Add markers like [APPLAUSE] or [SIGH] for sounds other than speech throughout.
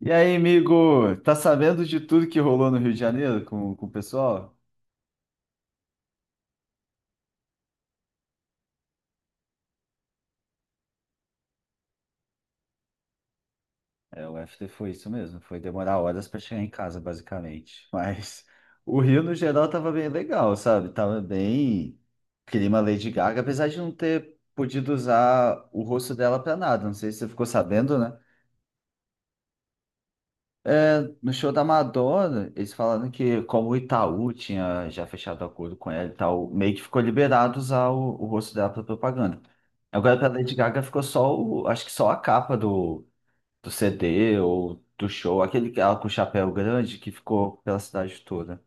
E aí, amigo? Tá sabendo de tudo que rolou no Rio de Janeiro com o pessoal? É, o FT foi isso mesmo. Foi demorar horas para chegar em casa, basicamente. [LAUGHS] Mas o Rio, no geral, tava bem legal, sabe? Tava bem clima Lady Gaga, apesar de não ter podido usar o rosto dela para nada. Não sei se você ficou sabendo, né? No show da Madonna, eles falando que como o Itaú tinha já fechado acordo com ela e tal, meio que ficou liberado usar o rosto dela para propaganda. Agora para Lady Gaga ficou só o, acho que só a capa do CD ou do show, aquele que ela com o chapéu grande que ficou pela cidade toda.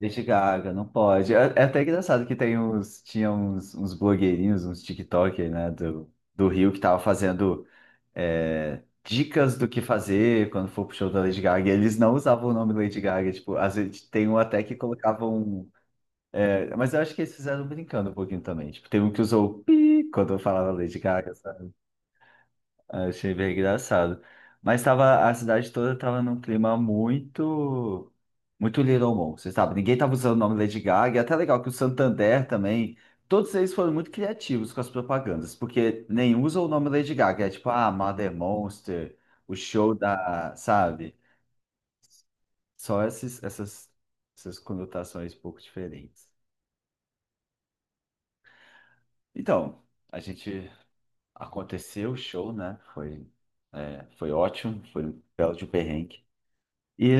Lady Gaga, não pode. É, é até engraçado que tem uns, tinha uns, uns blogueirinhos, uns TikTokers, né, do Rio que tava fazendo dicas do que fazer quando for pro show da Lady Gaga. E eles não usavam o nome Lady Gaga, tipo, às vezes tem um até que colocavam. É, mas eu acho que eles fizeram brincando um pouquinho também. Tipo, tem um que usou o pi quando eu falava Lady Gaga, sabe? Eu achei bem engraçado. Mas tava, a cidade toda tava num clima muito, muito Little Mon, você sabe? Ninguém tava usando o nome Lady Gaga. E é até legal que o Santander também, todos eles foram muito criativos com as propagandas, porque nem usa o nome Lady Gaga. É tipo, ah, Mother Monster, o show da, sabe? Só esses, essas, essas conotações um pouco diferentes. Então, a gente aconteceu o show, né? Foi, foi ótimo, foi um belo de um perrengue. E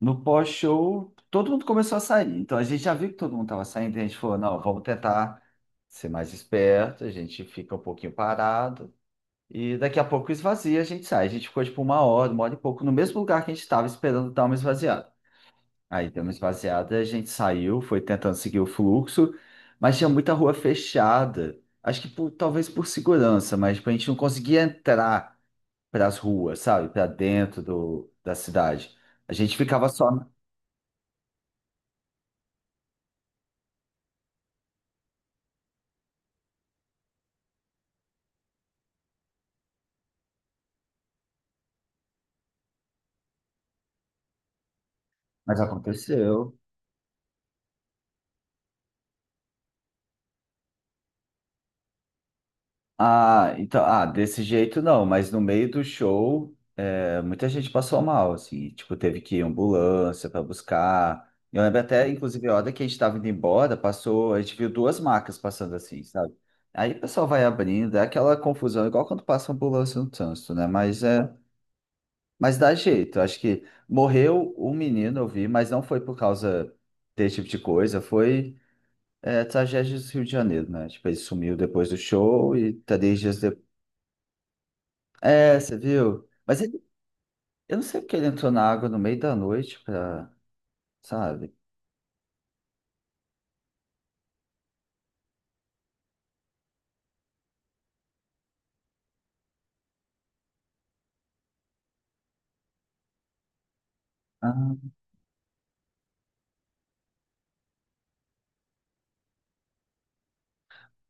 no pós-show, todo mundo começou a sair. Então a gente já viu que todo mundo estava saindo, e a gente falou, não, vamos tentar ser mais esperto, a gente fica um pouquinho parado. E daqui a pouco esvazia, a gente sai. A gente ficou tipo uma hora e pouco, no mesmo lugar que a gente estava esperando dar uma esvaziada. Aí deu uma esvaziada, a gente saiu, foi tentando seguir o fluxo, mas tinha muita rua fechada. Acho que talvez por segurança, mas tipo, a gente não conseguia entrar para as ruas, sabe? Para dentro do, da cidade. A gente ficava só. Mas aconteceu. Ah, então, ah, desse jeito não, mas no meio do show, muita gente passou mal, assim, tipo, teve que ir em ambulância para buscar. Eu lembro até, inclusive, a hora que a gente estava indo embora, passou, a gente viu duas macas passando assim, sabe? Aí o pessoal vai abrindo, é aquela confusão, igual quando passa ambulância no trânsito, né? Mas é, mas dá jeito. Acho que morreu um menino, eu vi, mas não foi por causa desse tipo de coisa, foi. É, tragédias do Rio de Janeiro, né? Tipo, ele sumiu depois do show e três dias depois. É, você viu? Mas ele, eu não sei porque ele entrou na água no meio da noite pra, sabe? Ah,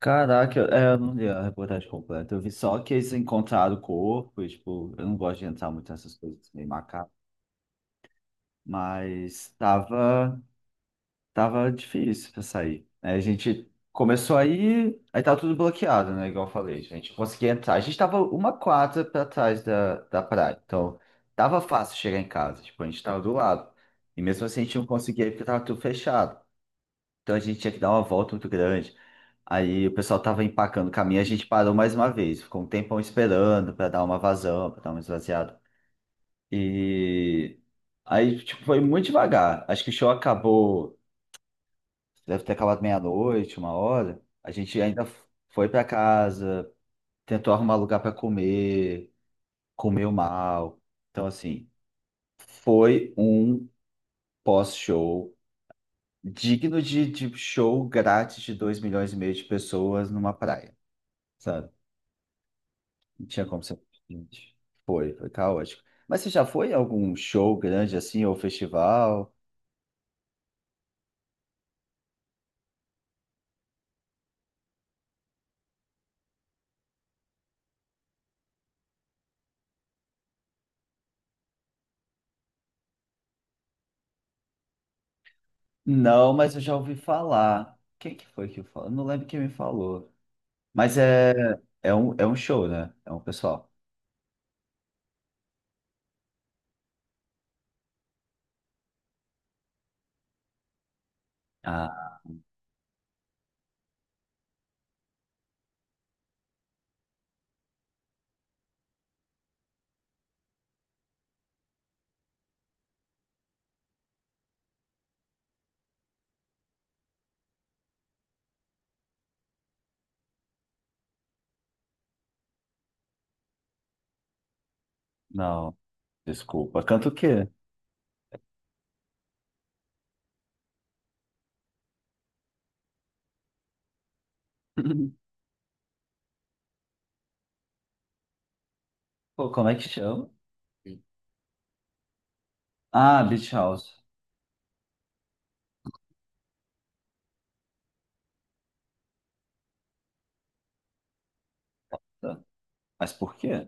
caraca, eu, eu não li a reportagem completa. Eu vi só que eles encontraram o corpo e, tipo, eu não gosto de entrar muito nessas coisas meio macabras. Mas tava. Tava difícil pra sair. Aí a gente começou aí, aí tava tudo bloqueado, né? Igual eu falei, a gente conseguia entrar. A gente tava uma quadra pra trás da praia, então tava fácil chegar em casa, tipo, a gente tava do lado. E mesmo assim a gente não conseguia ir porque tava tudo fechado. Então a gente tinha que dar uma volta muito grande. Aí o pessoal tava empacando o caminho, a gente parou mais uma vez, ficou um tempão esperando pra dar uma vazão, pra dar uma esvaziada. E aí, tipo, foi muito devagar. Acho que o show acabou. Deve ter acabado meia-noite, uma hora. A gente ainda foi para casa, tentou arrumar lugar para comer, comeu mal. Então, assim, foi um pós-show digno de show grátis de 2 milhões e meio de pessoas numa praia, sabe? Não tinha como ser diferente. Foi, foi caótico. Mas você já foi em algum show grande assim, ou festival? Não, mas eu já ouvi falar. Quem que foi que falou? Eu não lembro quem me falou. Mas é, é um show, né? É um pessoal. Ah, não, desculpa. Canta o quê? [LAUGHS] Pô, como é que chama? Ah, Beach House. Tá. Mas por quê?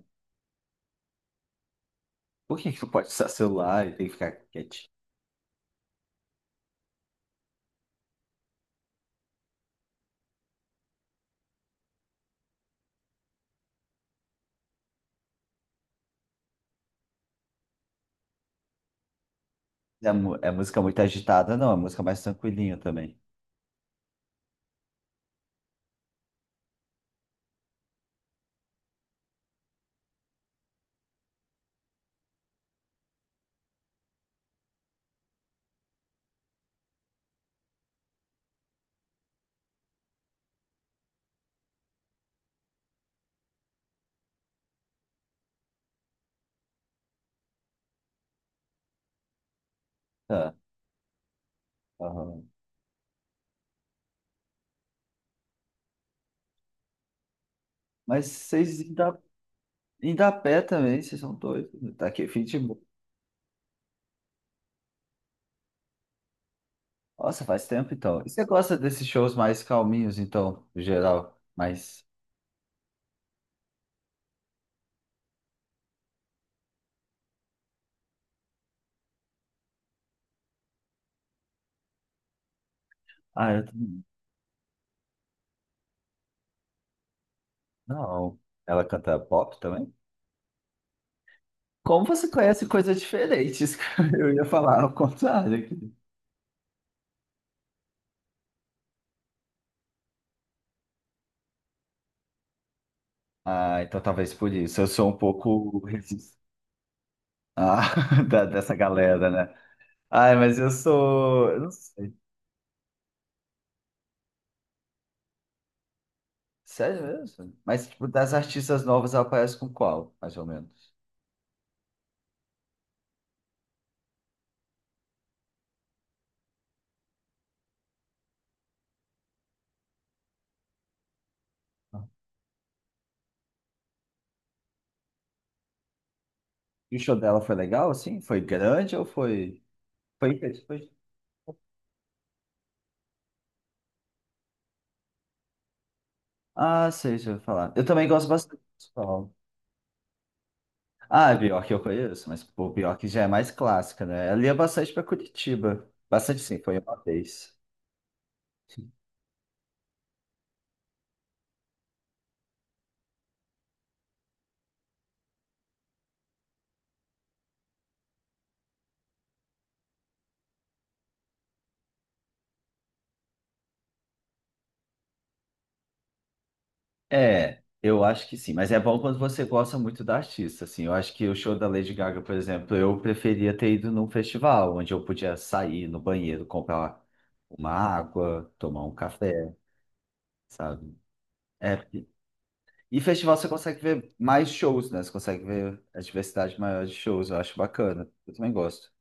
Por que que não pode usar celular e tem que ficar quietinho? É, é música muito agitada, não. É música mais tranquilinha também. Tá. Aham. Mas vocês ainda, ainda a pé também, vocês são doidos, né? Tá aqui, fim de... Nossa, faz tempo então. E você gosta desses shows mais calminhos, então, no geral? Mas. Ah, eu também. Não. Ela canta pop também? Como você conhece coisas diferentes? [LAUGHS] Eu ia falar ao contrário aqui. Ah, então talvez por isso. Eu sou um pouco resistente [LAUGHS] dessa galera, né? Ai, mas eu sou. Eu não sei. Sério mesmo? Mas, tipo, das artistas novas, ela aparece com qual, mais ou menos? Ah. E o show dela foi legal, assim? Foi grande ou foi. Foi. Foi... Ah, sei, deixa eu falar. Eu também gosto bastante do pessoal. Ah, a Bjork eu conheço, mas pô, Bjork já é mais clássica, né? Ela ia bastante pra Curitiba. Bastante sim, foi uma vez. É, eu acho que sim, mas é bom quando você gosta muito da artista, assim. Eu acho que o show da Lady Gaga, por exemplo, eu preferia ter ido num festival, onde eu podia sair no banheiro, comprar uma água, tomar um café, sabe? É, porque... e festival você consegue ver mais shows, né? Você consegue ver a diversidade maior de shows, eu acho bacana. Eu também gosto.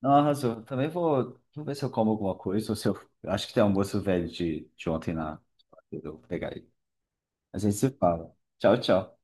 Não, arrasou. Também vou, vou ver se eu como alguma coisa, ou se eu. Acho que tem almoço velho de ontem na. Eu vou pegar aí. A gente se fala. Tchau, tchau.